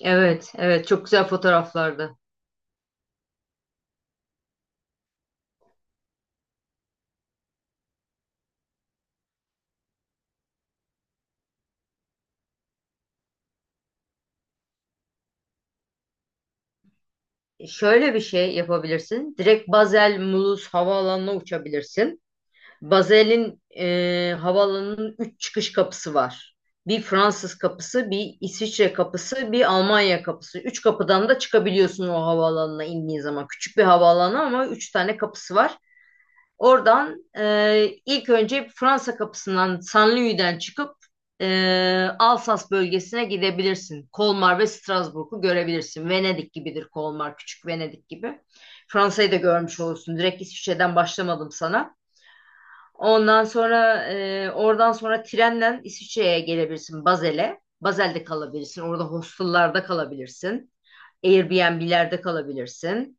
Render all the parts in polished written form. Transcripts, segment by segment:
Evet, evet, çok güzel fotoğraflardı. Şöyle bir şey yapabilirsin. Direkt Basel Mulhouse havaalanına uçabilirsin. Basel'in havaalanının 3 çıkış kapısı var. Bir Fransız kapısı, bir İsviçre kapısı, bir Almanya kapısı. Üç kapıdan da çıkabiliyorsun o havaalanına indiğin zaman. Küçük bir havaalanı ama üç tane kapısı var. Oradan ilk önce Fransa kapısından Saint-Louis'den çıkıp Alsas bölgesine gidebilirsin. Kolmar ve Strasbourg'u görebilirsin. Venedik gibidir Kolmar, küçük Venedik gibi. Fransa'yı da görmüş olursun. Direkt İsviçre'den başlamadım sana. Ondan sonra oradan sonra trenle İsviçre'ye gelebilirsin Basel'e. Basel'de kalabilirsin. Orada hostellerde kalabilirsin. Airbnb'lerde kalabilirsin.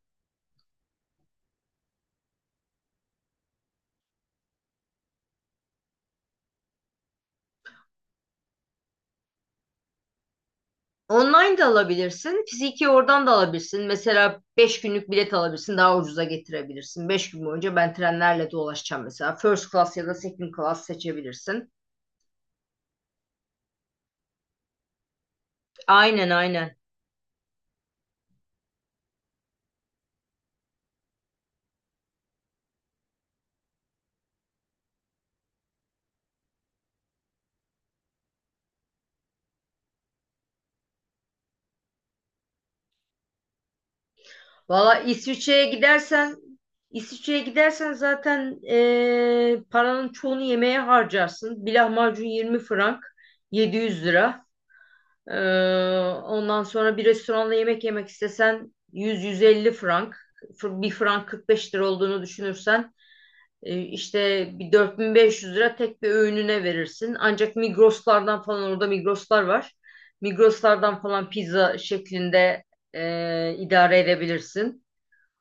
Online de alabilirsin. Fiziki oradan da alabilirsin. Mesela 5 günlük bilet alabilirsin. Daha ucuza getirebilirsin. 5 gün boyunca ben trenlerle dolaşacağım mesela. First class ya da second class seçebilirsin. Aynen, aynen. Valla İsviçre'ye gidersen zaten paranın çoğunu yemeğe harcarsın. Bir lahmacun 20 frank, 700 lira. Eee, ondan sonra bir restoranda yemek yemek istesen 100-150 frank. Bir frank 45 lira olduğunu düşünürsen işte bir 4.500 lira tek bir öğününe verirsin. Ancak Migros'lardan falan orada Migros'lar var. Migros'lardan falan pizza şeklinde idare edebilirsin.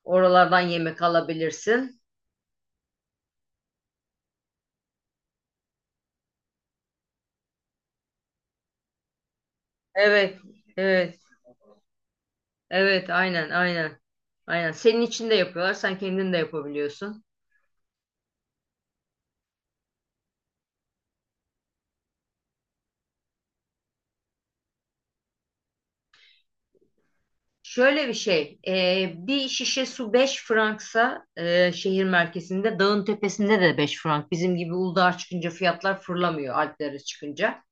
Oralardan yemek alabilirsin. Evet, evet, evet, aynen, aynen. Aynen. Senin için de yapıyorlar. Sen kendin de yapabiliyorsun. Şöyle bir şey, bir şişe su 5 franksa şehir merkezinde, dağın tepesinde de 5 frank. Bizim gibi Uludağ'a çıkınca fiyatlar fırlamıyor Alplere çıkınca.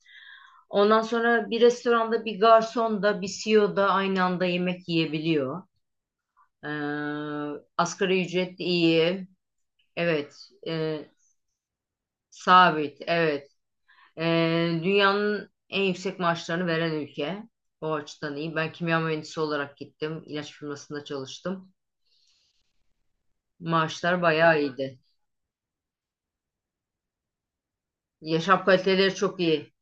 Ondan sonra bir restoranda bir garson da bir CEO da aynı anda yemek yiyebiliyor. Ee, asgari ücret iyi. Evet. e, sabit. Evet. Dünyanın en yüksek maaşlarını veren ülke. O açıdan iyi. Ben kimya mühendisi olarak gittim. İlaç firmasında çalıştım. Maaşlar bayağı iyiydi. Yaşam kaliteleri çok iyi.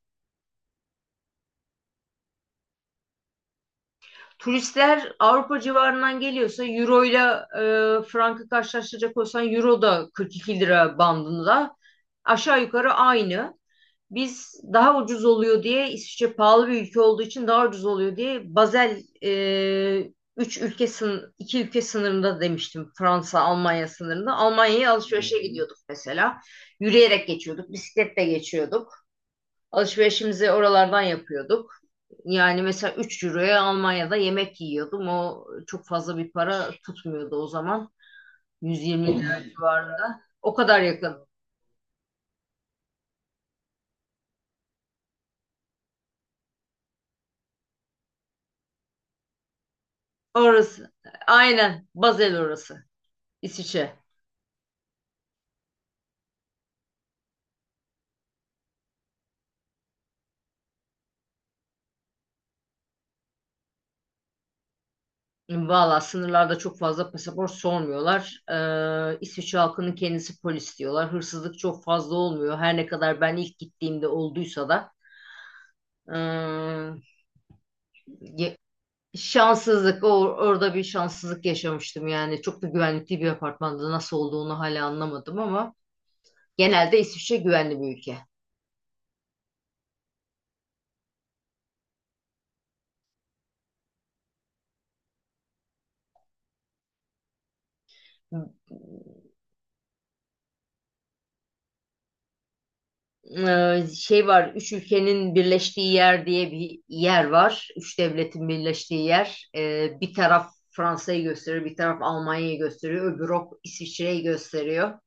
Turistler Avrupa civarından geliyorsa euro ile frankı karşılaştıracak olsan euro da 42 lira bandında aşağı yukarı aynı. Biz daha ucuz oluyor diye, İsviçre pahalı bir ülke olduğu için daha ucuz oluyor diye Basel 3 ülke sın 2 ülke sınırında demiştim, Fransa Almanya sınırında. Almanya'ya alışverişe gidiyorduk mesela. Yürüyerek geçiyorduk, bisikletle geçiyorduk. Alışverişimizi oralardan yapıyorduk. Yani mesela 3 euroya Almanya'da yemek yiyordum. O çok fazla bir para tutmuyordu o zaman. 120 lira civarında. O kadar yakın. Orası. Aynen. Basel orası. İsviçre. Valla sınırlarda çok fazla pasaport sormuyorlar. İsviçre halkının kendisi polis diyorlar. Hırsızlık çok fazla olmuyor. Her ne kadar ben ilk gittiğimde olduysa da. Ee, Şanssızlık. Orada bir şanssızlık yaşamıştım yani. Çok da güvenlikli bir apartmanda nasıl olduğunu hala anlamadım ama genelde İsviçre güvenli bir ülke. Şey var, üç ülkenin birleştiği yer diye bir yer var. Üç devletin birleştiği yer. Bir taraf Fransa'yı gösteriyor, bir taraf Almanya'yı gösteriyor, öbürü hop İsviçre'yi gösteriyor.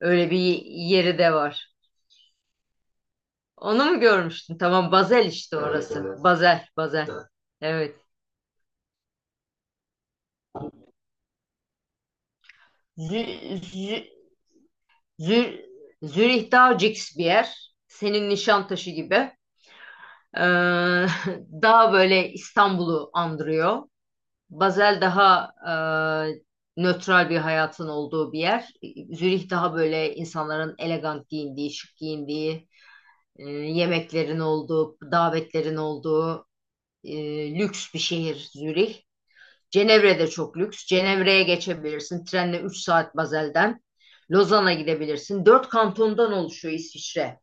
Öyle bir yeri de var. Onu mu görmüştün? Tamam, Basel işte. Evet, orası. Evet. Basel, Basel. Evet. Zür Zürih daha cix bir yer. Senin Nişantaşı gibi, daha böyle İstanbul'u andırıyor. Basel daha nötral bir hayatın olduğu bir yer. Zürih daha böyle insanların elegant giyindiği, şık giyindiği, yemeklerin olduğu, davetlerin olduğu, e, lüks bir şehir Zürih. Cenevre de çok lüks. Cenevre'ye geçebilirsin. Trenle 3 saat Basel'den. Lozan'a gidebilirsin. Dört kantondan oluşuyor İsviçre.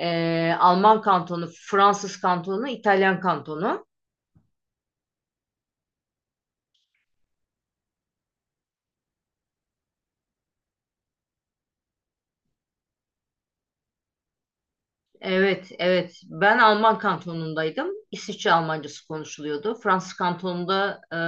Alman kantonu, Fransız kantonu, İtalyan kantonu. Evet, evet. Ben Alman kantonundaydım. İsviçre Almancası konuşuluyordu. Fransız kantonunda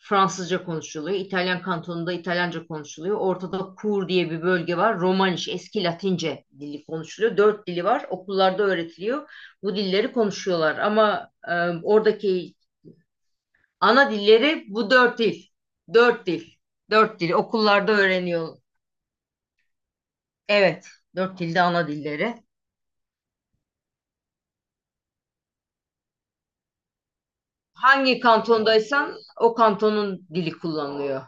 Fransızca konuşuluyor. İtalyan kantonunda İtalyanca konuşuluyor. Ortada Kur diye bir bölge var. Romaniş, eski Latince dili konuşuluyor. Dört dili var. Okullarda öğretiliyor. Bu dilleri konuşuyorlar. Ama oradaki ana dilleri bu dört dil. Dört dil. Dört dil. Okullarda öğreniyor. Evet, dört dilde ana dilleri. Hangi kantondaysan o kantonun dili kullanılıyor.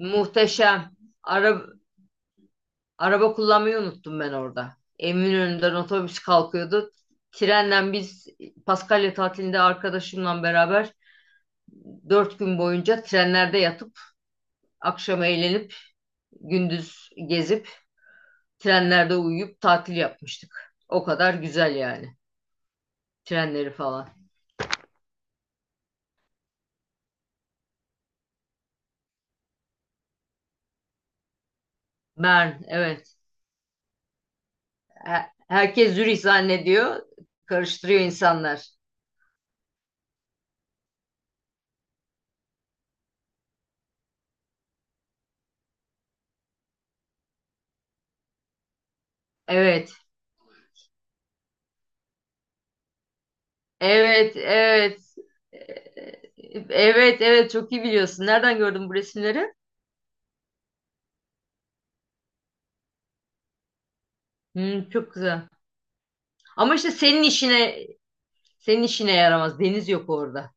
Muhteşem. Araba, araba kullanmayı unuttum ben orada. Eminönü'nden otobüs kalkıyordu. Trenle biz Paskalya tatilinde arkadaşımla beraber 4 gün boyunca trenlerde yatıp akşam eğlenip gündüz gezip trenlerde uyuyup tatil yapmıştık. O kadar güzel yani. Trenleri falan. Bern, evet. Herkes Zürih zannediyor. Karıştırıyor insanlar. Evet. Evet, evet. Ee, Evet, evet, çok iyi biliyorsun. Nereden gördün bu resimleri? Hmm, çok güzel. Ama işte senin işine yaramaz. Deniz yok orada.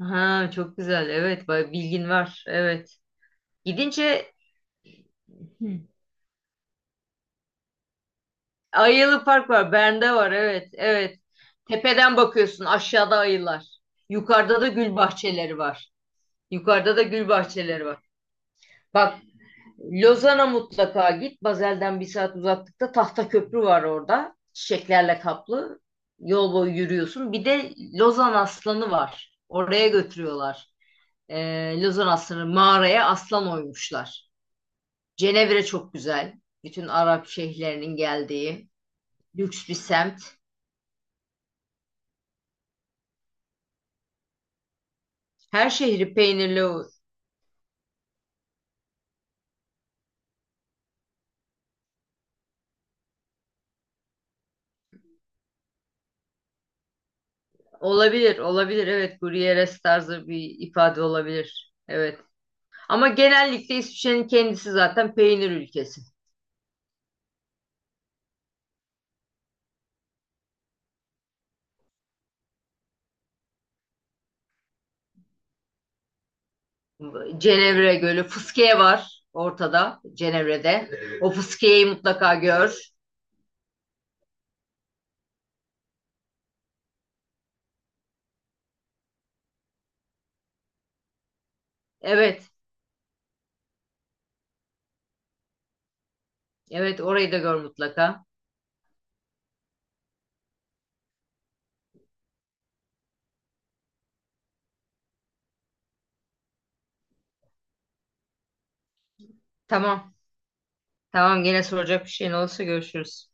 Ha, çok güzel. Evet, bilgin var. Evet. Gidince. Hı. Ayılı Park var. Bern'de var. Evet, evet. Tepeden bakıyorsun. Aşağıda ayılar. Yukarıda da gül bahçeleri var. Yukarıda da gül bahçeleri var. Bak, Lozan'a mutlaka git. Bazel'den bir saat uzaklıkta tahta köprü var orada. Çiçeklerle kaplı. Yol boyu yürüyorsun. Bir de Lozan aslanı var. Oraya götürüyorlar. Lozan aslanı mağaraya aslan oymuşlar. Cenevre çok güzel. Bütün Arap şehirlerinin geldiği lüks bir semt. Her şehri peynirli. Olabilir, olabilir. Evet, Gruyères tarzı bir ifade olabilir. Evet. Ama genellikle İsviçre'nin kendisi zaten peynir ülkesi. Cenevre Gölü. Fıskiye var ortada Cenevre'de. Evet. O Fıskiye'yi mutlaka gör. Evet. Evet, orayı da gör mutlaka. Tamam. Tamam, gene soracak bir şeyin olursa görüşürüz.